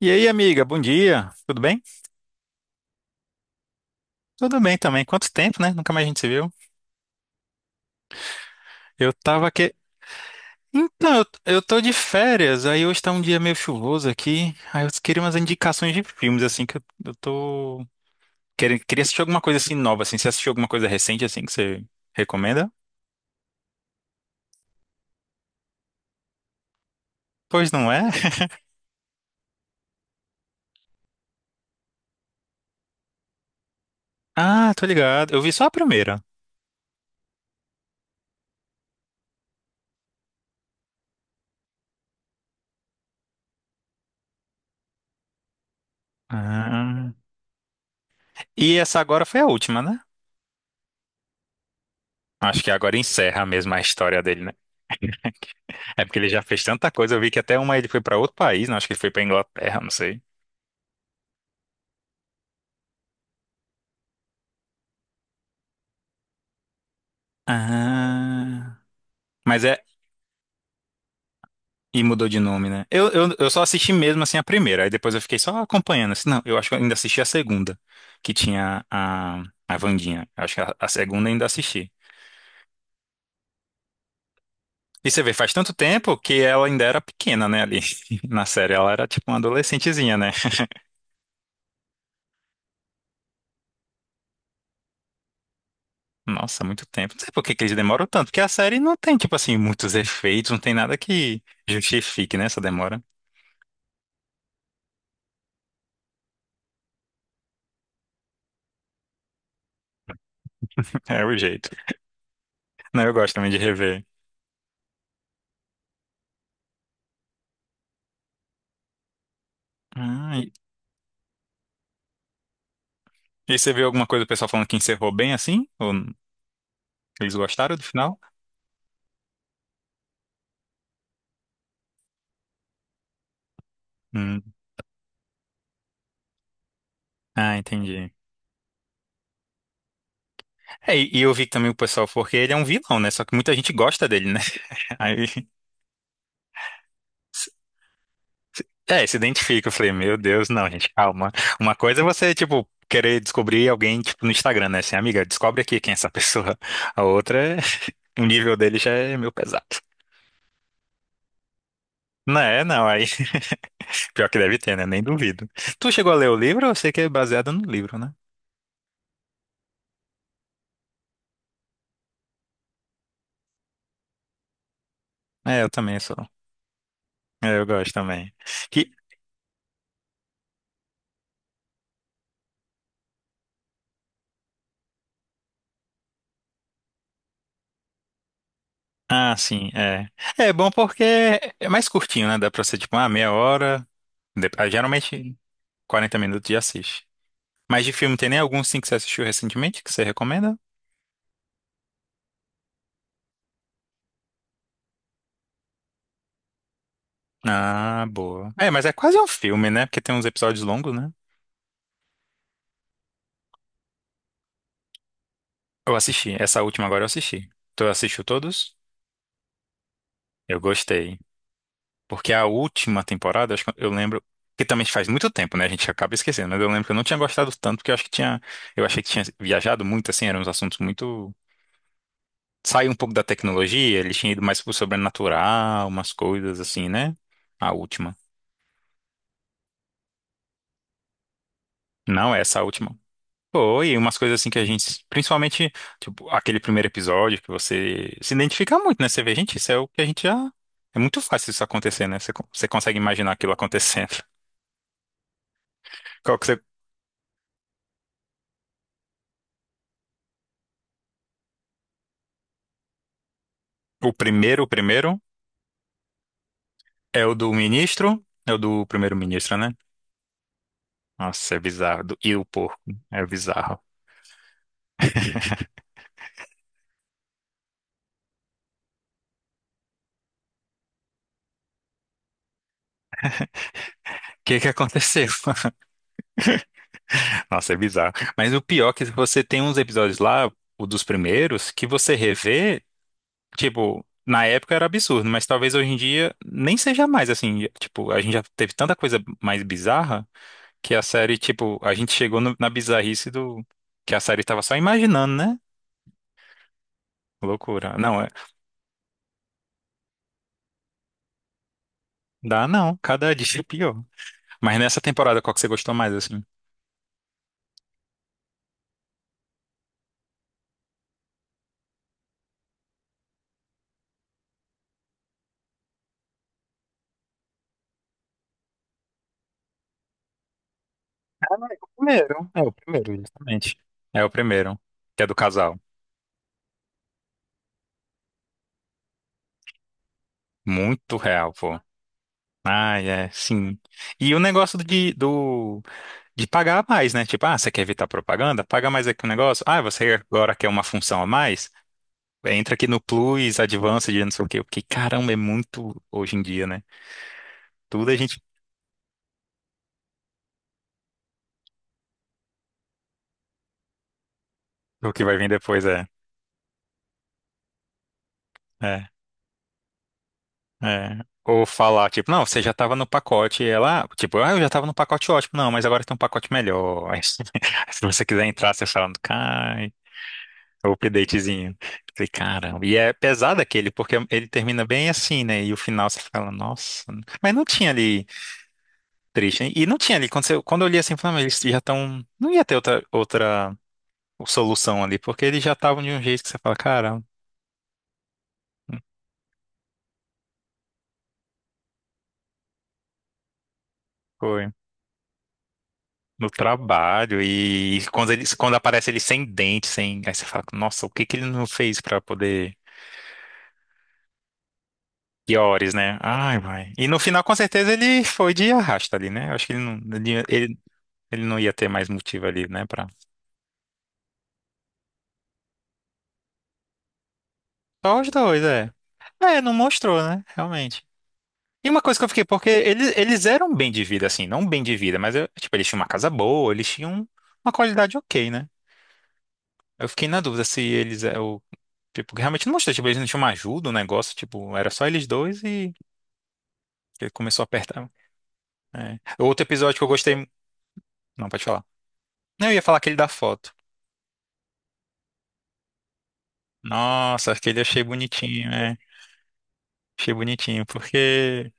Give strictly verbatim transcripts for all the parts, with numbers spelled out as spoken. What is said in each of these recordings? E aí, amiga, bom dia. Tudo bem? Tudo bem também. Quanto tempo, né? Nunca mais a gente se viu. Eu tava aqui. Então, eu, eu tô de férias, aí hoje tá um dia meio chuvoso aqui. Aí eu queria umas indicações de filmes, assim, que eu, eu tô. Queria, queria assistir alguma coisa assim nova, assim. Você assistiu alguma coisa recente, assim, que você recomenda? Pois não é? Ah, tô ligado. Eu vi só a primeira. Ah. E essa agora foi a última, né? Acho que agora encerra mesmo a história dele, né? É porque ele já fez tanta coisa. Eu vi que até uma ele foi pra outro país, né? Acho que ele foi pra Inglaterra, não sei. Ah, mas é. E mudou de nome, né? Eu, eu, eu só assisti mesmo assim a primeira, aí depois eu fiquei só acompanhando. Assim, não, eu acho que eu ainda assisti a segunda, que tinha a, a Wandinha. Eu acho que a, a segunda eu ainda assisti. E você vê, faz tanto tempo que ela ainda era pequena, né, ali na série. Ela era tipo uma adolescentezinha, né? Nossa, muito tempo. Não sei por que que eles demoram tanto, porque a série não tem, tipo assim, muitos efeitos, não tem nada que justifique, né, essa demora. É o jeito. Não, eu gosto também de rever. Ah, e aí você viu alguma coisa do pessoal falando que encerrou bem assim? Ou eles gostaram do final? Hum. Ah, entendi. É, e e eu vi também o pessoal, porque ele é um vilão, né? Só que muita gente gosta dele, né? Aí, é, se identifica. Eu falei, meu Deus, não, gente, calma. Uma coisa é você, tipo, querer descobrir alguém, tipo, no Instagram, né? Assim, amiga, descobre aqui quem é essa pessoa. A outra, é- o nível dele já é meio pesado. Não é, não, aí, pior que deve ter, né? Nem duvido. Tu chegou a ler o livro? Eu sei que é baseado no livro, né? É, eu também sou. É, eu gosto também. Que ah, sim, é. É bom porque é mais curtinho, né? Dá pra ser tipo uma meia hora. de- ah, Geralmente quarenta minutos já assiste. Mas de filme, tem nem algum sim que você assistiu recentemente que você recomenda? Ah, boa. É, mas é quase um filme, né? Porque tem uns episódios longos, né? Eu assisti. Essa última agora eu assisti. Tu assistiu todos? Eu gostei. Porque a última temporada, acho que eu lembro. Que também faz muito tempo, né? A gente acaba esquecendo. Mas eu lembro que eu não tinha gostado tanto, porque eu acho que tinha. Eu achei que tinha viajado muito, assim, eram uns assuntos muito. Saiu um pouco da tecnologia, ele tinha ido mais pro sobrenatural, umas coisas assim, né? A última. Não, essa última. Foi, umas coisas assim que a gente, principalmente, tipo, aquele primeiro episódio que você se identifica muito, né? Você vê, gente, isso é o que a gente já. É muito fácil isso acontecer, né? Você, con- você consegue imaginar aquilo acontecendo. Qual que você... O primeiro, o primeiro é o do ministro, é o do primeiro-ministro, né? Nossa, é bizarro. Do- E o porco, é bizarro. O que que aconteceu? Nossa, é bizarro. Mas o pior é que você tem uns episódios lá, o dos primeiros, que você revê, tipo, na época era absurdo, mas talvez hoje em dia nem seja mais assim. Tipo, a gente já teve tanta coisa mais bizarra que a série, tipo, a gente chegou no- na bizarrice do que a série tava só imaginando, né? Loucura. Não, é, dá não, cada dia é pior. Mas nessa temporada, qual que você gostou mais, assim? O primeiro, é o primeiro, justamente. É o primeiro, que é do casal. Muito real, pô. Ai, é, sim. E o negócio de, do, de pagar mais, né? Tipo, ah, você quer evitar propaganda? Paga mais aqui o negócio. Ah, você agora quer uma função a mais? Entra aqui no Plus, Advanced, não sei o quê. Porque, caramba, é muito hoje em dia, né? Tudo a gente... O que vai vir depois é... É, é. Ou falar, tipo, não, você já tava no pacote. E ela, ah, tipo, ah, eu já tava no pacote ótimo. Não, mas agora tem um pacote melhor. Se você quiser entrar, você fala, cara... O updatezinho. Falei, caramba. E é pesado aquele, porque ele termina bem assim, né? E o final você fala, nossa. Mas não tinha ali triste, hein? E não tinha ali. Quando, você- quando eu li assim, eu falei, "Ah, mas eles já estão. Não ia ter outra, outra solução ali, porque eles já estavam de um jeito que você fala, caramba, foi. No trabalho. E quando, eles, quando aparece ele sem dente, sem. Aí você fala, nossa, o que que ele não fez pra poder. Piores, né? Ai, vai. E no final, com certeza, ele foi de arrasta ali, né? Eu acho que ele não. Ele, Ele não ia ter mais motivo ali, né, pra... Só os dois, é. É, não mostrou, né, realmente. E uma coisa que eu fiquei, porque eles, eles eram bem de vida, assim, não bem de vida, mas, eu- tipo, eles tinham uma casa boa, eles tinham uma qualidade ok, né? Eu fiquei na dúvida se eles, é, o tipo, realmente não mostrou, tipo, eles não tinham uma ajuda, o negócio, tipo, era só eles dois e ele começou a apertar. É. Outro episódio que eu gostei... Não, pode falar. Não, eu ia falar aquele da foto. Nossa, aquele eu achei bonitinho, é. Achei bonitinho, porque...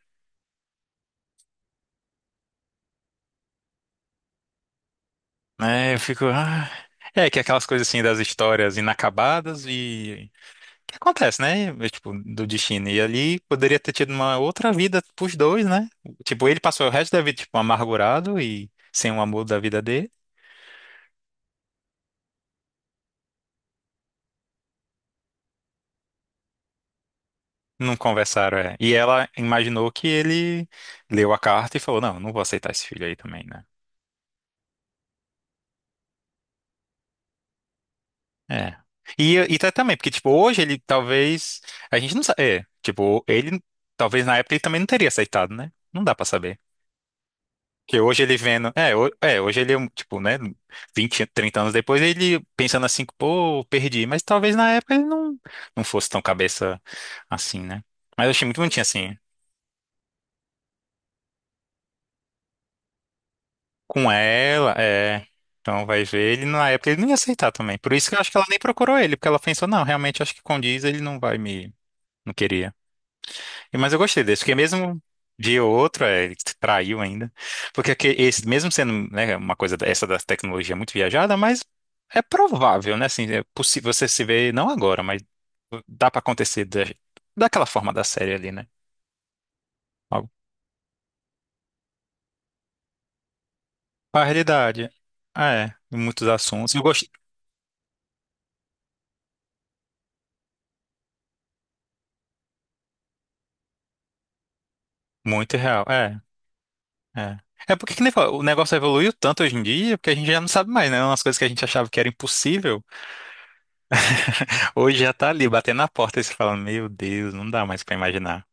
É, eu fico. Ah. É, que é aquelas coisas assim das histórias inacabadas e. Que acontece, né? É, tipo, do destino. E ali poderia ter tido uma outra vida pros dois, né? Tipo, ele passou o resto da vida, tipo, amargurado e sem o amor da vida dele. Não conversaram, é. E ela imaginou que ele leu a carta e falou: Não, não vou aceitar esse filho aí também, né? É. E, e tá também, porque, tipo, hoje ele talvez. A gente não sabe. É, tipo, ele. Talvez na época ele também não teria aceitado, né? Não dá pra saber. Que hoje ele vendo. É, ho- é, hoje ele, é um, tipo, né? Vinte trinta anos depois, ele pensando assim, pô, perdi. Mas talvez na época ele não, não fosse tão cabeça assim, né? Mas eu achei muito bonitinho assim. Com ela, é. Então vai ver, ele na época ele não ia aceitar também. Por isso que eu acho que ela nem procurou ele, porque ela pensou, não, realmente acho que condiz, ele não vai me. Não queria. Mas eu gostei desse, porque mesmo dia ou outro, é, ele traiu ainda. Porque aque- esse, mesmo sendo, né, uma coisa da- essa da tecnologia muito viajada, mas é provável, né? Assim, é possível você se ver, não agora, mas dá pra acontecer da, daquela forma da série ali, né? Algo. A realidade. É, muitos assuntos. Eu gosto muito real. É, é. É porque que nem fala, o negócio evoluiu tanto hoje em dia, porque a gente já não sabe mais, né? Umas coisas que a gente achava que era impossível, hoje já tá ali batendo na porta e você fala, meu Deus, não dá mais pra imaginar.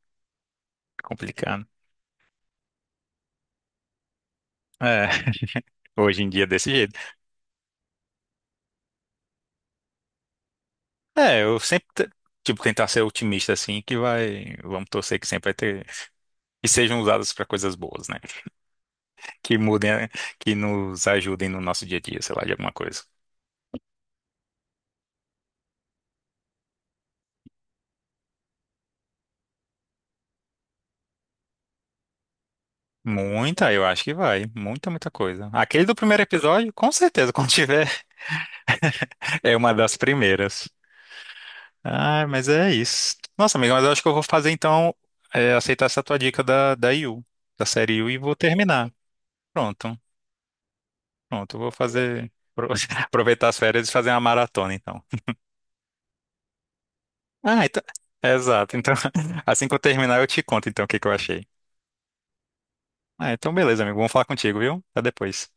Complicado. É, hoje em dia é desse jeito. É, eu sempre, te- tipo, tentar ser otimista, assim, que vai, vamos torcer que sempre vai ter, que sejam usadas para coisas boas, né? Que mudem, eh, que nos ajudem no nosso dia a dia, sei lá, de alguma coisa. Muita, eu acho que vai. Muita, muita coisa. Aquele do primeiro episódio, com certeza, quando tiver, é uma das primeiras. Ah, mas é isso. Nossa, amiga, mas eu acho que eu vou fazer, então, eh, aceitar essa tua dica da, da Yu, da série Yu, e vou terminar. Pronto. Pronto, eu vou fazer. pro- Aproveitar as férias e fazer uma maratona, então. Ah, então. Exato. Então, assim que eu terminar, eu te conto, então, o que que eu achei. Ah, então, beleza, amigo. Vamos falar contigo, viu? Até depois.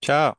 Tchau.